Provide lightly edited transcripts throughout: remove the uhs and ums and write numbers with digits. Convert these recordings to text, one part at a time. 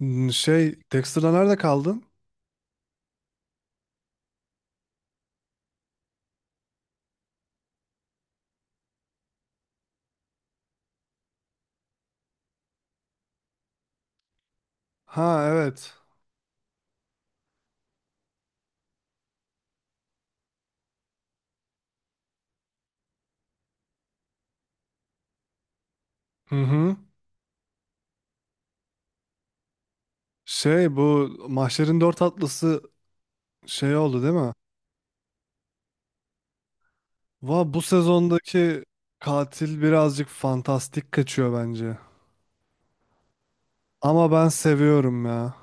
Dexter'da nerede kaldın? Ha, evet. Hı hı. Şey, bu Mahşer'in Dört Atlısı şey oldu, değil mi? Bu sezondaki katil birazcık fantastik kaçıyor bence. Ama ben seviyorum ya.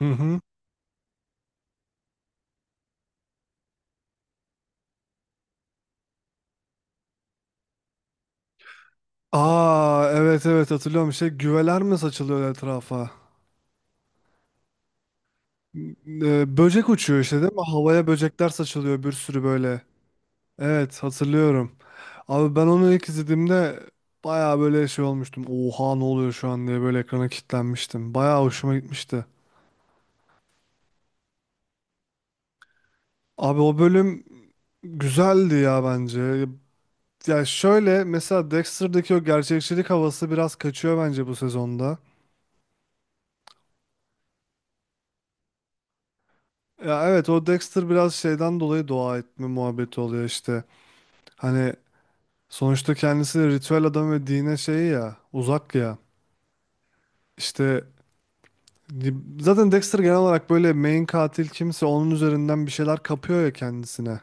Hı hı. Aa, evet evet, hatırlıyorum. Şey, güveler mi saçılıyor etrafa? Böcek uçuyor işte, değil mi? Havaya böcekler saçılıyor bir sürü böyle. Evet, hatırlıyorum. Abi, ben onu ilk izlediğimde bayağı böyle şey olmuştum. Oha, ne oluyor şu an diye böyle ekrana kilitlenmiştim. Bayağı hoşuma gitmişti. Abi, o bölüm güzeldi ya bence. Ya şöyle, mesela Dexter'daki o gerçekçilik havası biraz kaçıyor bence bu sezonda. Ya evet, o Dexter biraz şeyden dolayı dua etme muhabbeti oluyor işte. Hani sonuçta kendisi de ritüel adam ve dine şey ya, uzak ya. İşte zaten Dexter genel olarak böyle main katil kimse onun üzerinden bir şeyler kapıyor ya kendisine.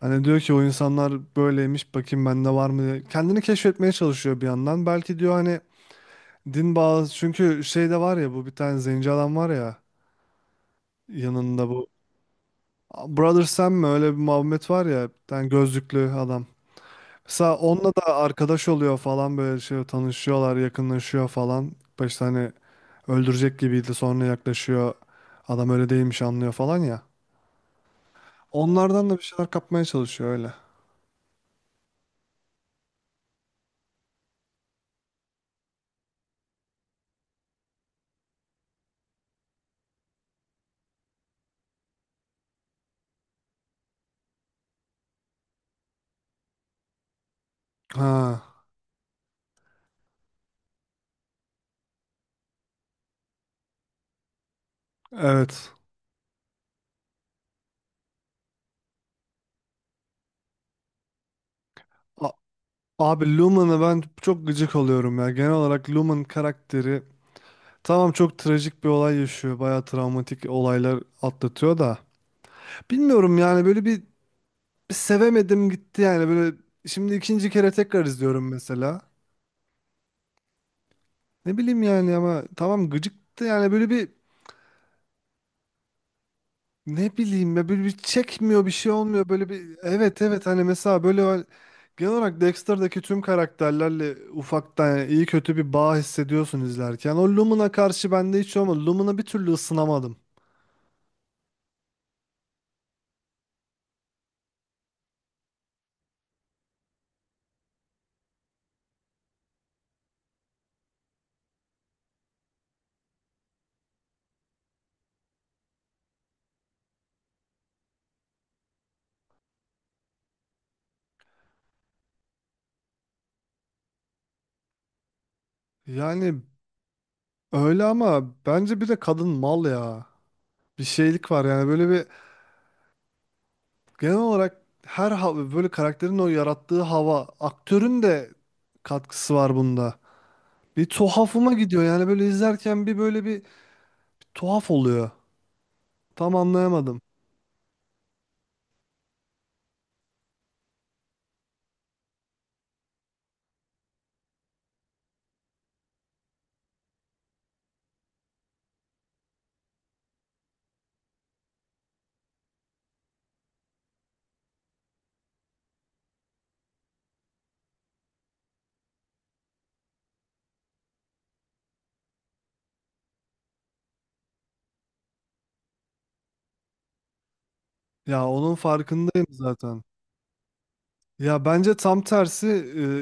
Hani diyor ki o insanlar böyleymiş, bakayım bende var mı diye. Kendini keşfetmeye çalışıyor bir yandan. Belki diyor hani din bağlı, çünkü şey de var ya, bu bir tane zenci adam var ya yanında bu. Brother Sam mi, öyle bir muhabbet var ya, bir tane gözlüklü adam. Mesela onunla da arkadaş oluyor falan, böyle şey, tanışıyorlar, yakınlaşıyor falan. Başta hani öldürecek gibiydi, sonra yaklaşıyor. Adam öyle değilmiş, anlıyor falan ya. Onlardan da bir şeyler kapmaya çalışıyor öyle. Ha, evet. A- Abi, Lumen'a ben çok gıcık oluyorum ya. Genel olarak Lumen karakteri, tamam çok trajik bir olay yaşıyor. Bayağı travmatik olaylar atlatıyor da. Bilmiyorum yani, böyle bir, bir sevemedim gitti yani, böyle şimdi ikinci kere tekrar izliyorum mesela. Ne bileyim yani, ama tamam, gıcıktı yani böyle bir. Ne bileyim ya, böyle bir çekmiyor, bir şey olmuyor böyle, bir evet evet, hani mesela böyle genel olarak Dexter'daki tüm karakterlerle ufaktan yani iyi kötü bir bağ hissediyorsun izlerken. O Lumina karşı bende hiç olmadı. Lumina bir türlü ısınamadım. Yani öyle, ama bence bir de kadın mal ya. Bir şeylik var yani, böyle bir genel olarak her hava, böyle karakterin o yarattığı hava, aktörün de katkısı var bunda. Bir tuhafıma gidiyor yani, böyle izlerken bir böyle bir tuhaf oluyor. Tam anlayamadım. Ya onun farkındayım zaten. Ya bence tam tersi,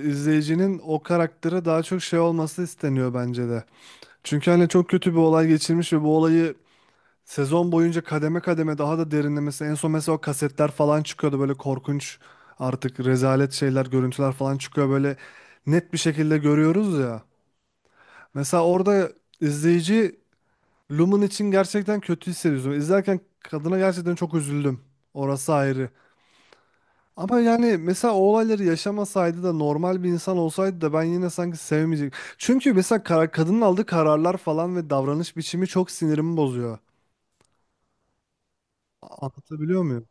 izleyicinin o karaktere daha çok şey olması isteniyor bence de. Çünkü hani çok kötü bir olay geçirmiş ve bu olayı sezon boyunca kademe kademe daha da derinlemesi. En son mesela o kasetler falan çıkıyordu, böyle korkunç, artık rezalet şeyler, görüntüler falan çıkıyor, böyle net bir şekilde görüyoruz ya. Mesela orada izleyici Lumen için gerçekten kötü hissediyorsun. İzlerken kadına gerçekten çok üzüldüm. Orası ayrı. Ama yani, mesela o olayları yaşamasaydı da, normal bir insan olsaydı da ben yine sanki sevmeyecek. Çünkü mesela karar, kadının aldığı kararlar falan ve davranış biçimi çok sinirimi bozuyor. Anlatabiliyor muyum?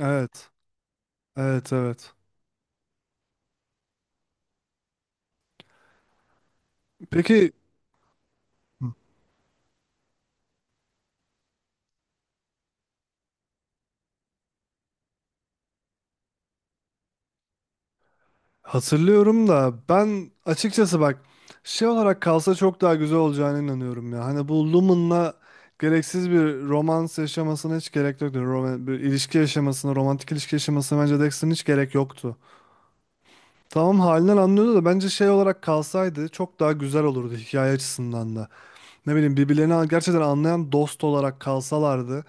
Evet. Evet evet. Peki. Hı. Hatırlıyorum da ben açıkçası bak, şey olarak kalsa çok daha güzel olacağına inanıyorum ya. Hani bu Lumen'la gereksiz bir romans yaşamasına hiç gerek yoktu. Roman, bir ilişki yaşamasına, romantik ilişki yaşamasına bence Dexter'ın hiç gerek yoktu. Tamam, halinden anlıyordu da, bence şey olarak kalsaydı çok daha güzel olurdu hikaye açısından da. Ne bileyim, birbirlerini gerçekten anlayan dost olarak kalsalardı.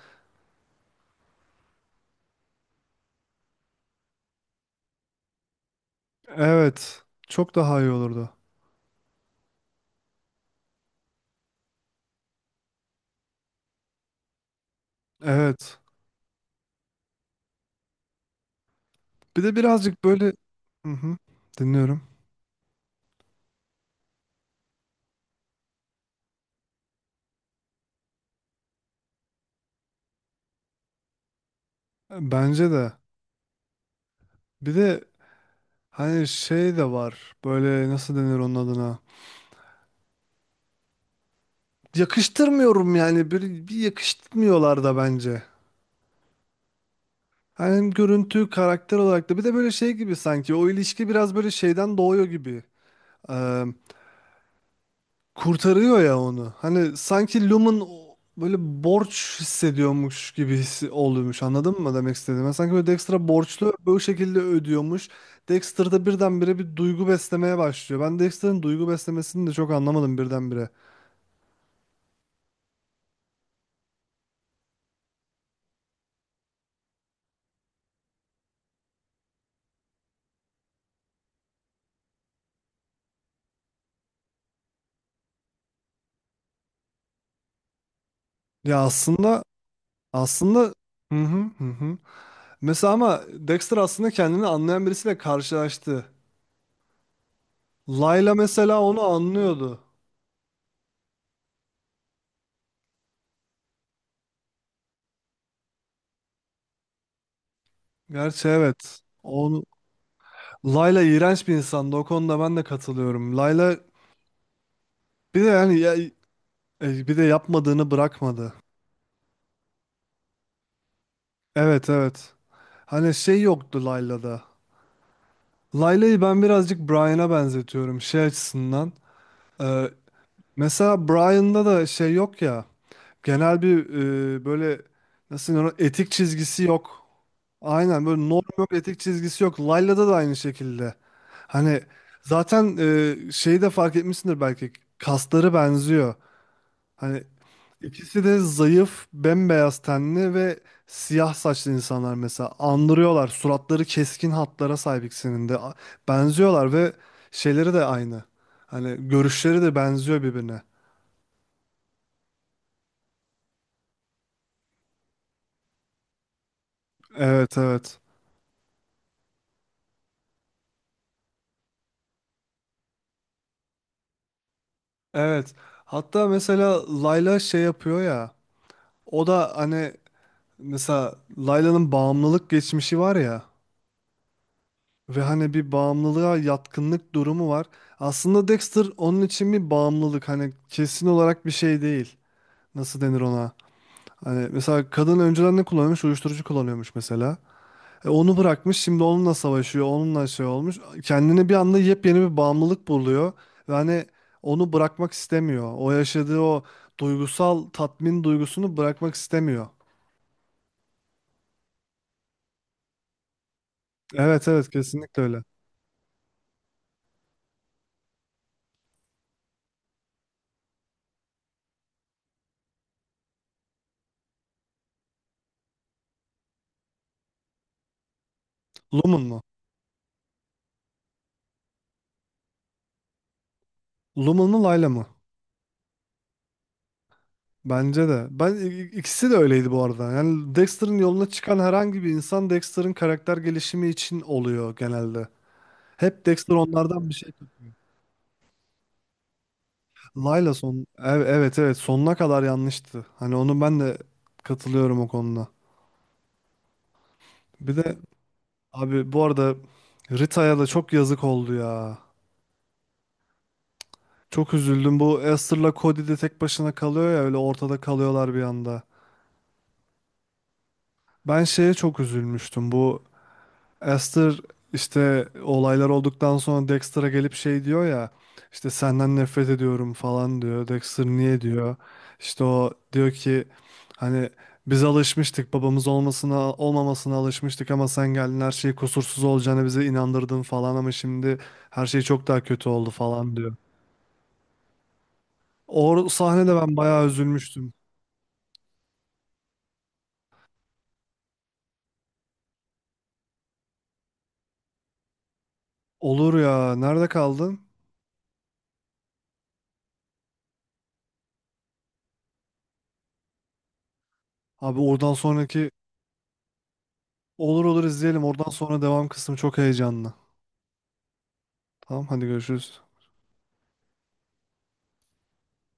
Evet, çok daha iyi olurdu. Evet. Bir de birazcık böyle, hı hı, dinliyorum. Bence de. Bir de hani şey de var. Böyle nasıl denir onun adına? Yakıştırmıyorum yani, bir, bir yakıştırmıyorlar da bence. Hani hem görüntü, karakter olarak da, bir de böyle şey gibi, sanki o ilişki biraz böyle şeyden doğuyor gibi. Kurtarıyor ya onu. Hani sanki Lum'un böyle borç hissediyormuş gibi hissi oluyormuş. Anladın mı demek istediğimi? Sanki böyle Dexter'a borçlu, bu şekilde ödüyormuş. Dexter da birdenbire bir duygu beslemeye başlıyor. Ben Dexter'ın duygu beslemesini de çok anlamadım birdenbire. Ya aslında, hı hı hı, hı. Mesela ama Dexter aslında kendini anlayan birisiyle karşılaştı. Layla mesela onu anlıyordu. Gerçi evet. Onu, Layla iğrenç bir insandı. O konuda ben de katılıyorum. Layla. Bir de yani ya, bir de yapmadığını bırakmadı. Evet evet. Hani şey yoktu Layla'da. Layla'yı ben birazcık Brian'a benzetiyorum şey açısından. Ee, Mesela Brian'da da şey yok ya. Genel bir, böyle nasıl denir, ona, etik çizgisi yok. Aynen, böyle norm yok, etik çizgisi yok. Layla'da da aynı şekilde. Hani zaten, şeyi de fark etmişsindir belki. Kasları benziyor. Hani, İkisi de zayıf, bembeyaz tenli ve siyah saçlı insanlar mesela. Andırıyorlar. Suratları keskin hatlara sahip ikisinin de. Benziyorlar ve şeyleri de aynı. Hani görüşleri de benziyor birbirine. Evet, evet. Evet. Hatta mesela Layla şey yapıyor ya. O da hani, mesela Layla'nın bağımlılık geçmişi var ya. Ve hani bir bağımlılığa yatkınlık durumu var. Aslında Dexter onun için bir bağımlılık. Hani kesin olarak bir şey değil. Nasıl denir ona? Hani mesela kadın önceden ne kullanıyormuş? Uyuşturucu kullanıyormuş mesela. E onu bırakmış, şimdi onunla savaşıyor, onunla şey olmuş. Kendini bir anda yepyeni bir bağımlılık buluyor. Ve hani onu bırakmak istemiyor. O yaşadığı o duygusal tatmin duygusunu bırakmak istemiyor. Evet evet, kesinlikle öyle. Lumen mu? Lumen mu Layla mı? Bence de. Ben ikisi de öyleydi bu arada. Yani Dexter'ın yoluna çıkan herhangi bir insan Dexter'ın karakter gelişimi için oluyor genelde. Hep Dexter onlardan bir şey. Layla evet evet, sonuna kadar yanlıştı. Hani onu ben de katılıyorum o konuda. Bir de abi, bu arada Rita'ya da çok yazık oldu ya. Çok üzüldüm. Bu Esther'la Cody de tek başına kalıyor ya, öyle ortada kalıyorlar bir anda. Ben şeye çok üzülmüştüm. Bu Esther işte, olaylar olduktan sonra Dexter'a gelip şey diyor ya, işte senden nefret ediyorum falan diyor. Dexter niye diyor. İşte o diyor ki hani, biz alışmıştık babamız olmasına olmamasına alışmıştık, ama sen geldin her şey kusursuz olacağını bize inandırdın falan, ama şimdi her şey çok daha kötü oldu falan diyor. O sahnede ben bayağı üzülmüştüm. Olur ya, nerede kaldın? Abi oradan sonraki, olur olur, izleyelim, oradan sonra devam kısmı çok heyecanlı. Tamam, hadi görüşürüz.